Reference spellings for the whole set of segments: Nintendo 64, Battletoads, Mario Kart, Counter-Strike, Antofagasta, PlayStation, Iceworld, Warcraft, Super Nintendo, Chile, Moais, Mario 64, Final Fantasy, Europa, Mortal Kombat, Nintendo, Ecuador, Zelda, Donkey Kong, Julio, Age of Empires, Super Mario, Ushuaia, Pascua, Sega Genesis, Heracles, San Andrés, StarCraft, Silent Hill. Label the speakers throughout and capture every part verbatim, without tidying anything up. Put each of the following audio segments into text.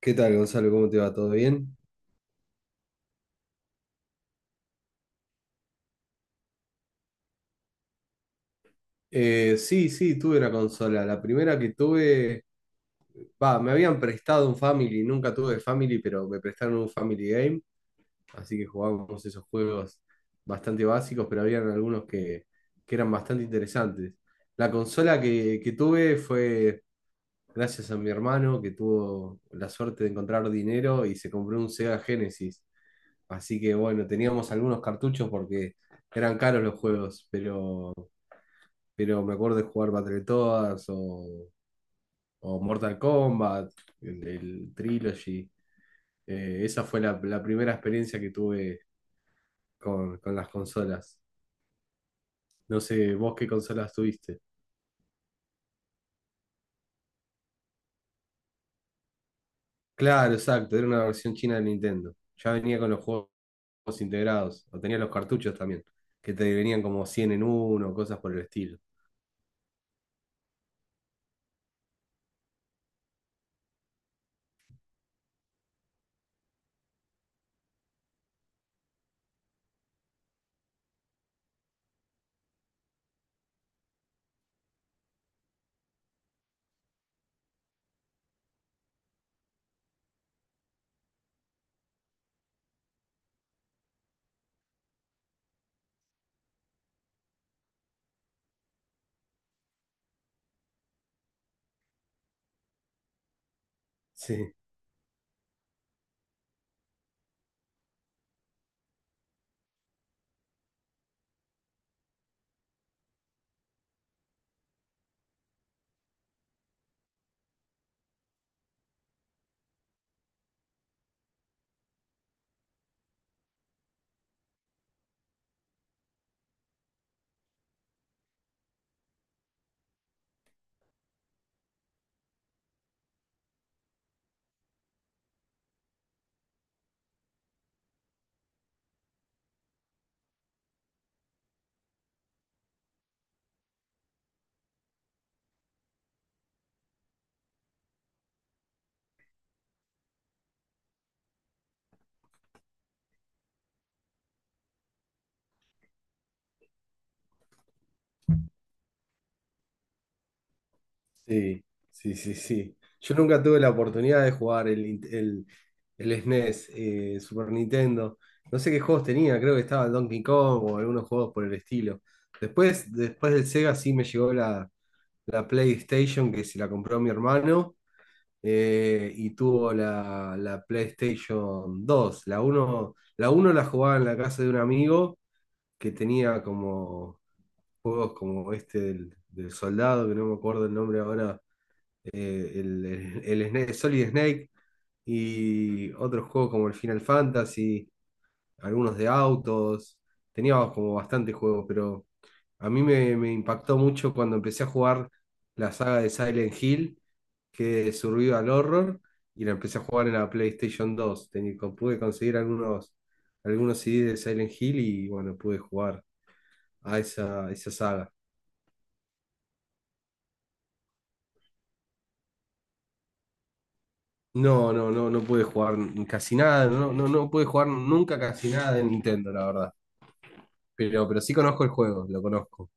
Speaker 1: ¿Qué tal, Gonzalo? ¿Cómo te va? ¿Todo bien? Eh, sí, sí, tuve una consola. La primera que tuve, va, me habían prestado un Family, nunca tuve Family, pero me prestaron un Family Game, así que jugábamos esos juegos bastante básicos, pero habían algunos que, que eran bastante interesantes. La consola que, que tuve fue gracias a mi hermano, que tuvo la suerte de encontrar dinero y se compró un Sega Genesis. Así que bueno, teníamos algunos cartuchos porque eran caros los juegos, pero pero me acuerdo de jugar Battletoads o, o Mortal Kombat, el, el Trilogy. Eh, esa fue la, la primera experiencia que tuve con, con las consolas. No sé, vos qué consolas tuviste. Claro, exacto, era una versión china de Nintendo. Ya venía con los juegos integrados, o tenía los cartuchos también, que te venían como cien en uno, cosas por el estilo. Sí. Sí, sí, sí, sí. Yo nunca tuve la oportunidad de jugar el, Nin- el, el S N E S, eh, Super Nintendo. No sé qué juegos tenía, creo que estaba el Donkey Kong o algunos juegos por el estilo. Después, después del Sega sí me llegó la, la PlayStation, que se la compró mi hermano, eh, y tuvo la, la PlayStation dos. La uno la uno la jugaba en la casa de un amigo que tenía como juegos como este del, del soldado, que no me acuerdo el nombre ahora, eh, el, el, el Snake- Solid Snake, y otros juegos como el Final Fantasy, algunos de autos. Tenía como bastante juegos, pero a mí me, me impactó mucho cuando empecé a jugar la saga de Silent Hill, que es Survival Horror, y la empecé a jugar en la PlayStation dos. Tení- con- pude conseguir algunos, algunos C Ds de Silent Hill y bueno, pude jugar a esa, esa saga. No, no, no, no pude jugar casi nada, no, no, no pude jugar nunca casi nada de Nintendo, la verdad. Pero, pero sí conozco el juego, lo conozco.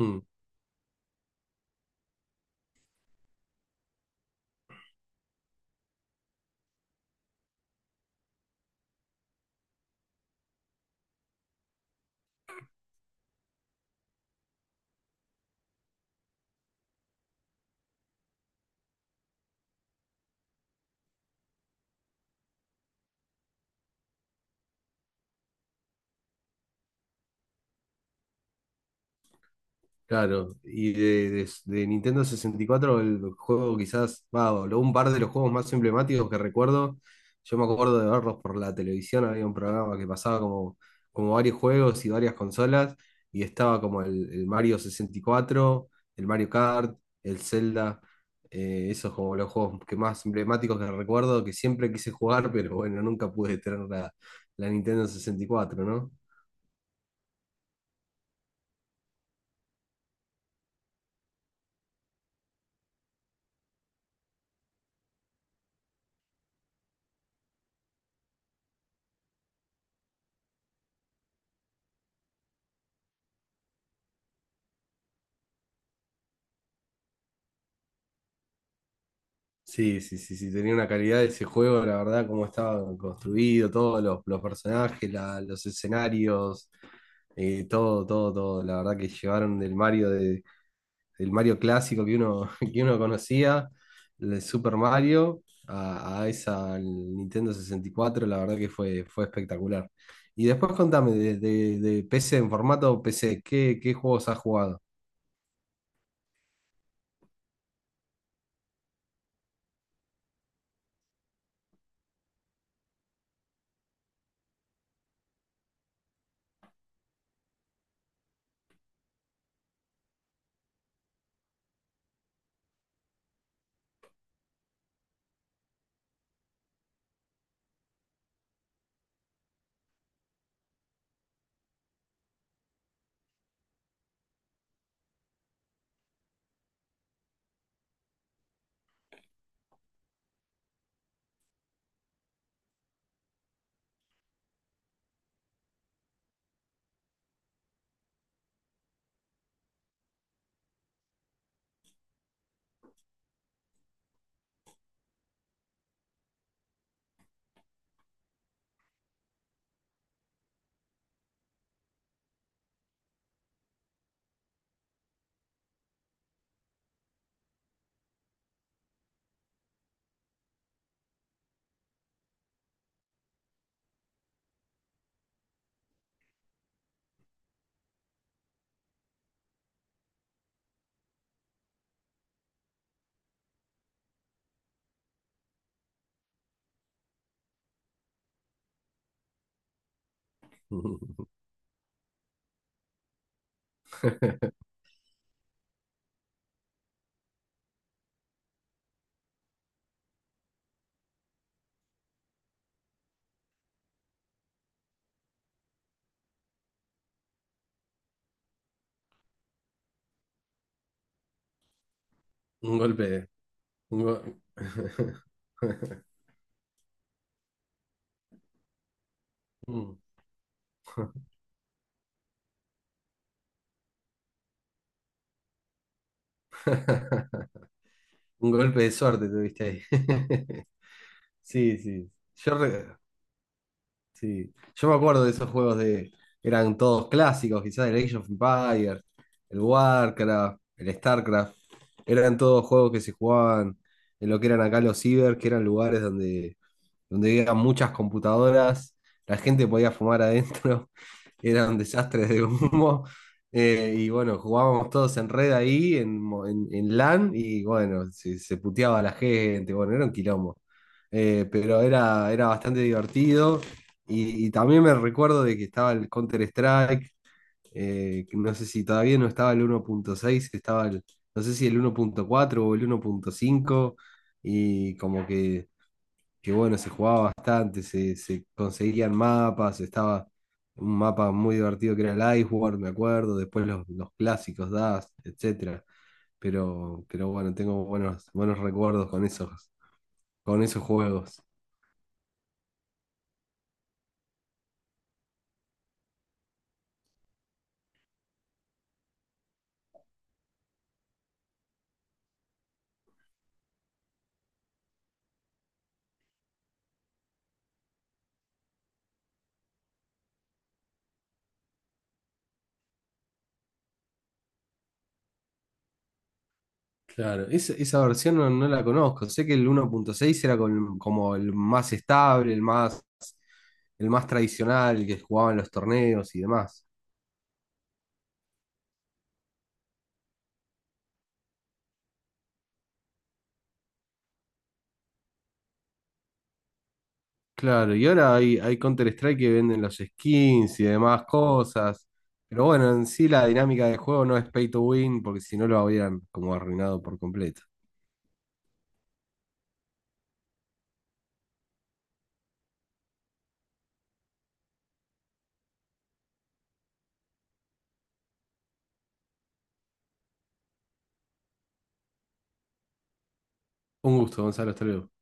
Speaker 1: Mm. Claro, y de, de- de Nintendo sesenta y cuatro, el juego quizás, va, o lo- un par de los juegos más emblemáticos que recuerdo. Yo me acuerdo de verlos por la televisión, había un programa que pasaba como, como varios juegos y varias consolas, y estaba como el, el Mario sesenta y cuatro, el Mario Kart, el Zelda, eh, esos como los juegos que más emblemáticos que recuerdo, que siempre quise jugar, pero bueno, nunca pude tener la, la Nintendo sesenta y cuatro. Sí, sí, sí, sí, tenía una calidad de ese juego, la verdad, cómo estaba construido, todos los, los personajes, la- los escenarios, eh, todo, todo, todo. La verdad que llevaron del Mario de, del Mario clásico que uno, que uno conocía, el Super Mario, a, a esa al Nintendo sesenta y cuatro. La verdad que fue, fue espectacular. Y después contame, de, de- de P C, en formato P C, ¿qué, qué juegos has jugado? Un golpe, un go- Mm. Un golpe de suerte tuviste ahí. Sí, sí. Yo, re- sí. Yo me acuerdo de esos juegos de. Eran todos clásicos, quizás el Age of Empires, el Warcraft, el StarCraft. Eran todos juegos que se jugaban en lo que eran acá los ciber, que eran lugares donde donde había muchas computadoras, la gente podía fumar adentro, era un desastre de humo. eh, y bueno, jugábamos todos en red ahí, en, mo- en- en LAN, y bueno, se, se puteaba a la gente, bueno, era un quilombo. Eh, pero era, era bastante divertido. Y, y también me recuerdo de que estaba el Counter-Strike, eh, que no sé si todavía no estaba el uno punto seis, estaba el, no sé si el uno punto cuatro o el uno punto cinco, y como que que bueno, se jugaba bastante, se, se conseguían mapas, estaba un mapa muy divertido que era el Iceworld, me acuerdo, después los, los clásicos D A S, etcétera. Pero, pero bueno, tengo buenos, buenos recuerdos con esos, con esos juegos. Claro, esa, esa versión no, no la conozco. Sé que el uno punto seis era con- como el más estable, el más, el más tradicional, el que jugaban los torneos y demás. Claro, y ahora hay, hay Counter-Strike que venden los skins y demás cosas. Pero bueno, en sí la dinámica del juego no es pay to win, porque si no lo habrían como arruinado por completo. Un gusto, Gonzalo, hasta luego.